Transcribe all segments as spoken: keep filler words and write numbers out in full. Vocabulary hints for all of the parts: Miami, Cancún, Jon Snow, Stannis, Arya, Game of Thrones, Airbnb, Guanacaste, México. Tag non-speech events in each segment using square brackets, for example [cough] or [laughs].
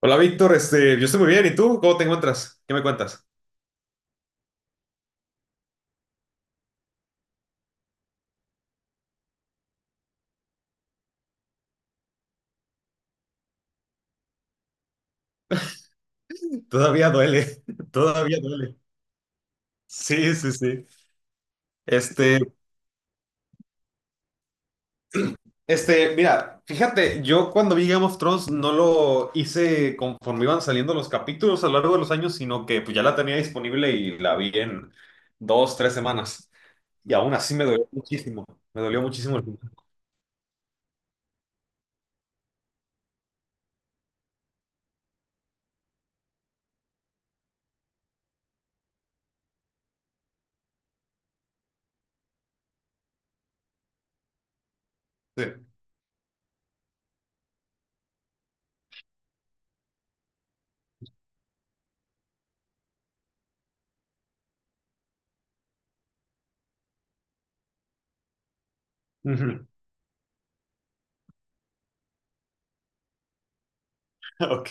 Hola Víctor, este, yo estoy muy bien, ¿y tú? ¿Cómo te encuentras? ¿Qué me cuentas? Todavía duele, [laughs] todavía duele. Sí, sí, sí. Este, este, mira, fíjate, yo cuando vi Game of Thrones no lo hice conforme iban saliendo los capítulos a lo largo de los años, sino que pues ya la tenía disponible y la vi en dos, tres semanas. Y aún así me dolió muchísimo, me dolió muchísimo el final. Sí. Ujú. [laughs] Ok,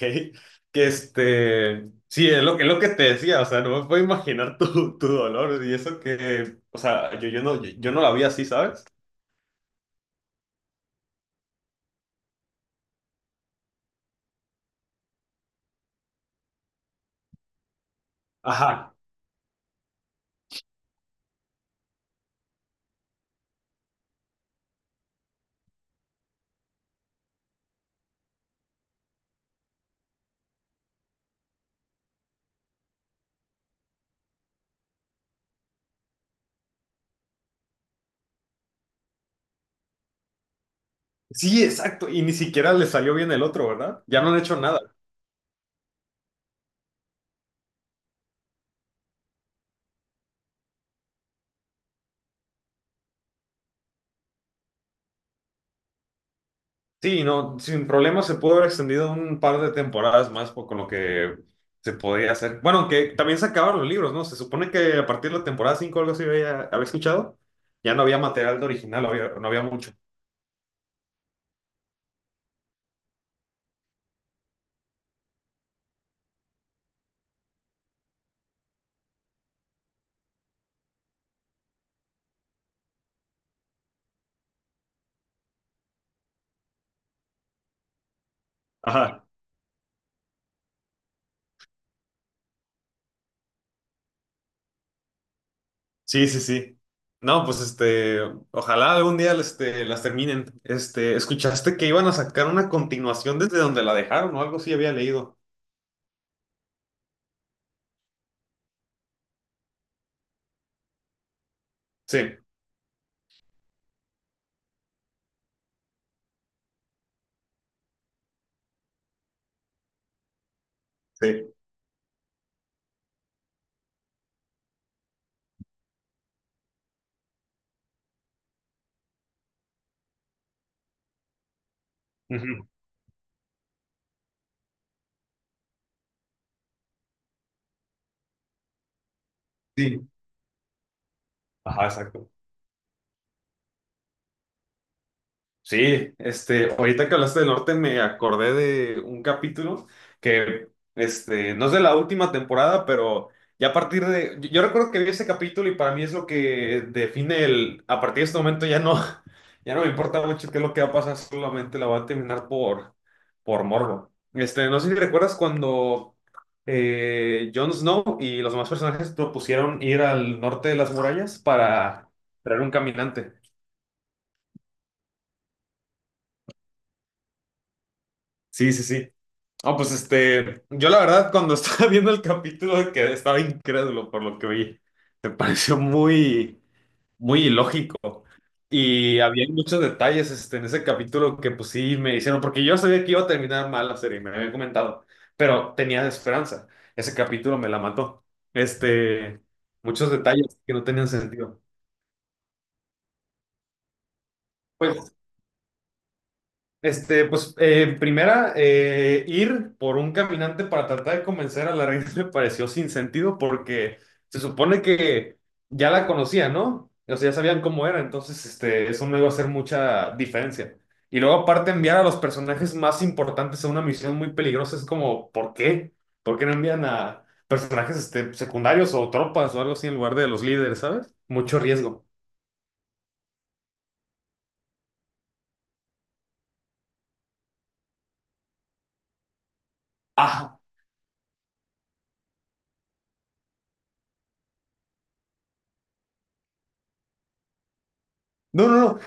que este, sí, es lo, es lo que te decía, o sea, no me puedo imaginar tu, tu dolor y eso que, o sea, yo, yo no, yo, yo no la vi así, ¿sabes? Ajá, sí, exacto, y ni siquiera le salió bien el otro, ¿verdad? Ya no han hecho nada. Sí, no, sin problema se pudo haber extendido un par de temporadas más por- con lo que se podría hacer. Bueno, aunque también se acabaron los libros, ¿no? Se supone que a partir de la temporada cinco algo así había, había escuchado, ya no había material de original, había- no había mucho. Ajá. Sí, sí, sí. No, pues este, ojalá algún día este, las terminen. Este, escuchaste que iban a sacar una continuación desde donde la dejaron o algo así había leído. Sí, sí. Ujú. Sí. Ajá, exacto. Sí, este, ahorita que hablaste del norte me acordé de un capítulo que, este, no es de la última temporada, pero ya a partir de, yo, yo recuerdo que vi ese capítulo y para mí es lo que define el, a partir de este momento ya no, [laughs] ya no me importa mucho qué es lo que va a pasar, solamente la voy a terminar por, por morbo. Este, no sé si recuerdas cuando eh, Jon Snow y los demás personajes propusieron ir al norte de las murallas para traer un caminante. Sí, sí, sí. No, pues este, yo la verdad cuando [laughs] estaba viendo el capítulo que estaba incrédulo por lo que vi. Me pareció muy, muy ilógico. Y había muchos detalles este, en ese capítulo que pues sí me hicieron, porque yo sabía que iba a terminar mal la serie, me habían comentado, pero tenía esperanza. Ese capítulo me la mató. Este, muchos detalles que no tenían sentido. Pues Este, pues, eh, primera, eh, ir por un caminante para tratar de convencer a la reina [laughs] me pareció sin sentido porque se supone que ya la conocía, ¿no? O sea, ya sabían cómo era, entonces, este, eso no iba a hacer mucha diferencia. Y luego, aparte, enviar a los personajes más importantes a una misión muy peligrosa es como, ¿por qué? ¿Por qué no envían a personajes, este, secundarios o tropas o algo así en lugar de los líderes, ¿sabes? Mucho riesgo. Ah, no, no, no.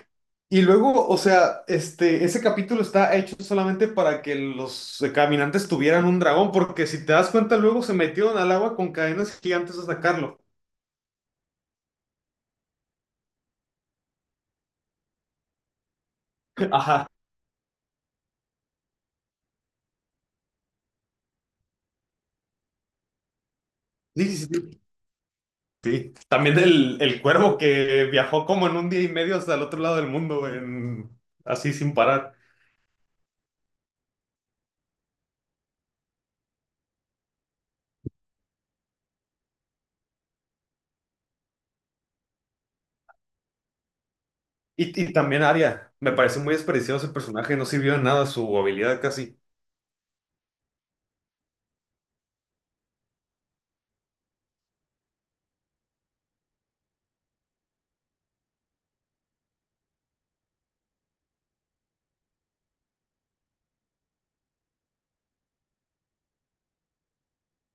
Y luego, o sea, este, ese capítulo está hecho solamente para que los eh, caminantes tuvieran un dragón, porque si te das cuenta, luego se metieron al agua con cadenas gigantes a sacarlo. [laughs] Ajá. Sí, sí, sí. Sí. También el, el cuervo que viajó como en un día y medio hasta el otro lado del mundo, en- así sin parar. Y, y también Arya. Me parece muy desperdiciado ese personaje, no sirvió de nada su habilidad casi.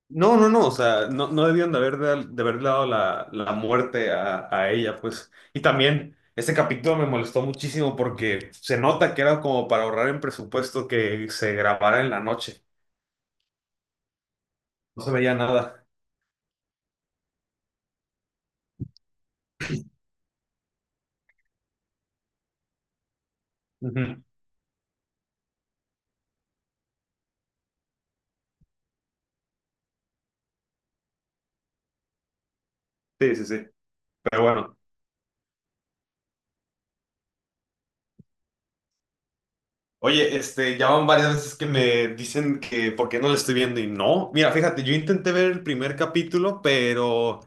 No, no, no, o sea, no, no debieron de haber, de, de haber dado la, la muerte a, a ella, pues. Y también ese capítulo me molestó muchísimo porque se nota que era como para ahorrar en presupuesto que se grabara en la noche. No se veía nada. Ujú. Sí, sí, sí. Pero bueno. Oye, este, ya van varias veces que me dicen que por qué no lo estoy viendo y no. Mira, fíjate, yo intenté ver el primer capítulo, pero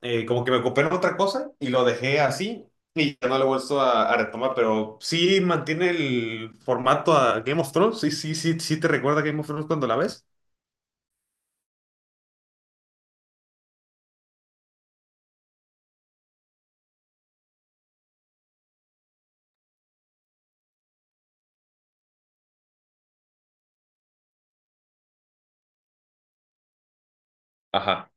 eh, como que me ocupé en otra cosa y lo dejé así y ya no lo he vuelto a, a retomar, pero sí mantiene el formato a Game of Thrones, sí, sí, sí, sí te recuerda a Game of Thrones cuando la ves. Ajá,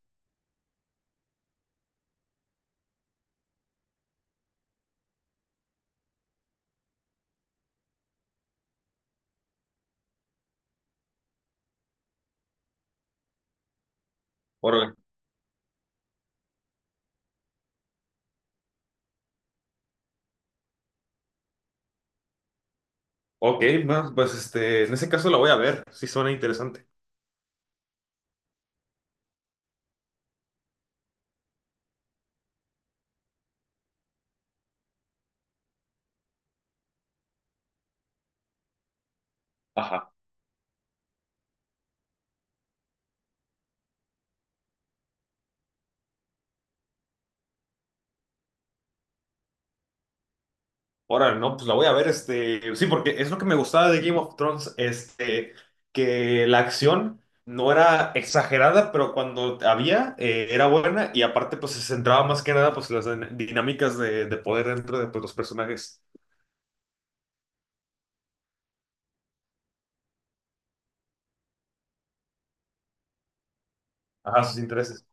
órale. Ok, bueno, pues este, en ese caso la voy a ver, sí suena interesante. Ajá. Ahora, no, pues la voy a ver, este, sí, porque es lo que me gustaba de Game of Thrones, este, que la acción no era exagerada, pero cuando había, eh, era buena y aparte, pues se centraba más que nada, pues las din- dinámicas de, de poder dentro de pues, los personajes, ajá, sus intereses.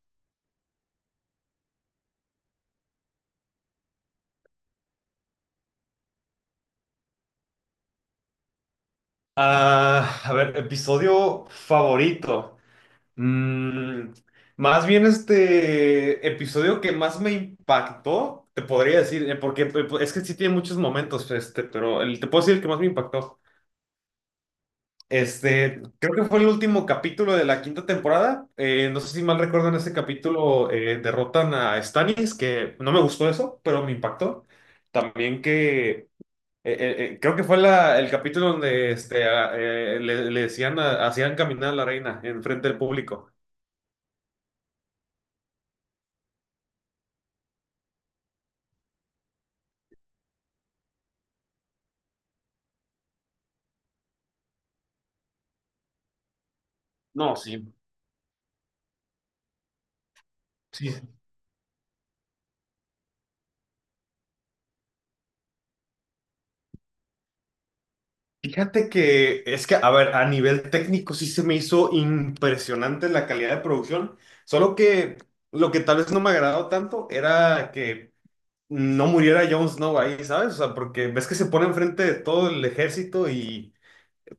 Ah, a ver, episodio favorito. Mm, más bien este episodio que más me impactó, te podría decir, eh, porque pues, es que sí tiene muchos momentos, este, pero el, te puedo decir el que más me impactó. Este, creo que fue el último capítulo de la quinta temporada. Eh, no sé si mal recuerdo, en ese capítulo eh, derrotan a Stannis, que no me gustó eso, pero me impactó. También que eh, eh, eh, creo que fue la- el capítulo donde este, a- eh, le, le decían, a- hacían caminar a la reina en frente del público. No, sí, sí. Sí. Fíjate que es que, a ver, a nivel técnico sí se me hizo impresionante la calidad de producción, solo que lo que tal vez no me agradó tanto era que no muriera Jon Snow ahí, ¿sabes? O sea, porque ves que se pone enfrente de todo el ejército y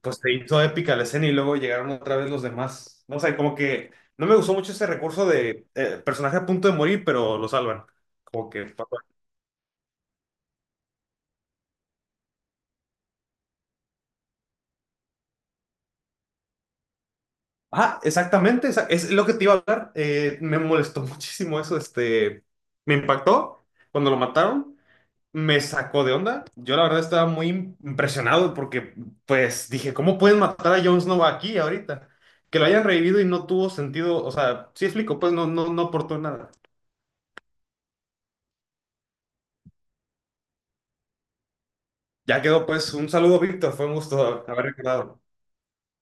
pues se hizo épica la escena y luego llegaron otra vez los demás. No sé, como que no me gustó mucho ese recurso de eh, personaje a punto de morir, pero lo salvan. Como que pasó. Ah, exactamente, esa- es lo que te iba a hablar. Eh, me molestó [laughs] muchísimo eso, este, me impactó cuando lo mataron. Me sacó de onda. Yo la verdad estaba muy im- impresionado porque pues dije, ¿cómo pueden matar a Jon Snow aquí ahorita? Que lo hayan revivido y no tuvo sentido, o sea, sí explico, pues no, no, no aportó nada. Ya quedó pues un saludo, Víctor, fue un gusto haber recordado.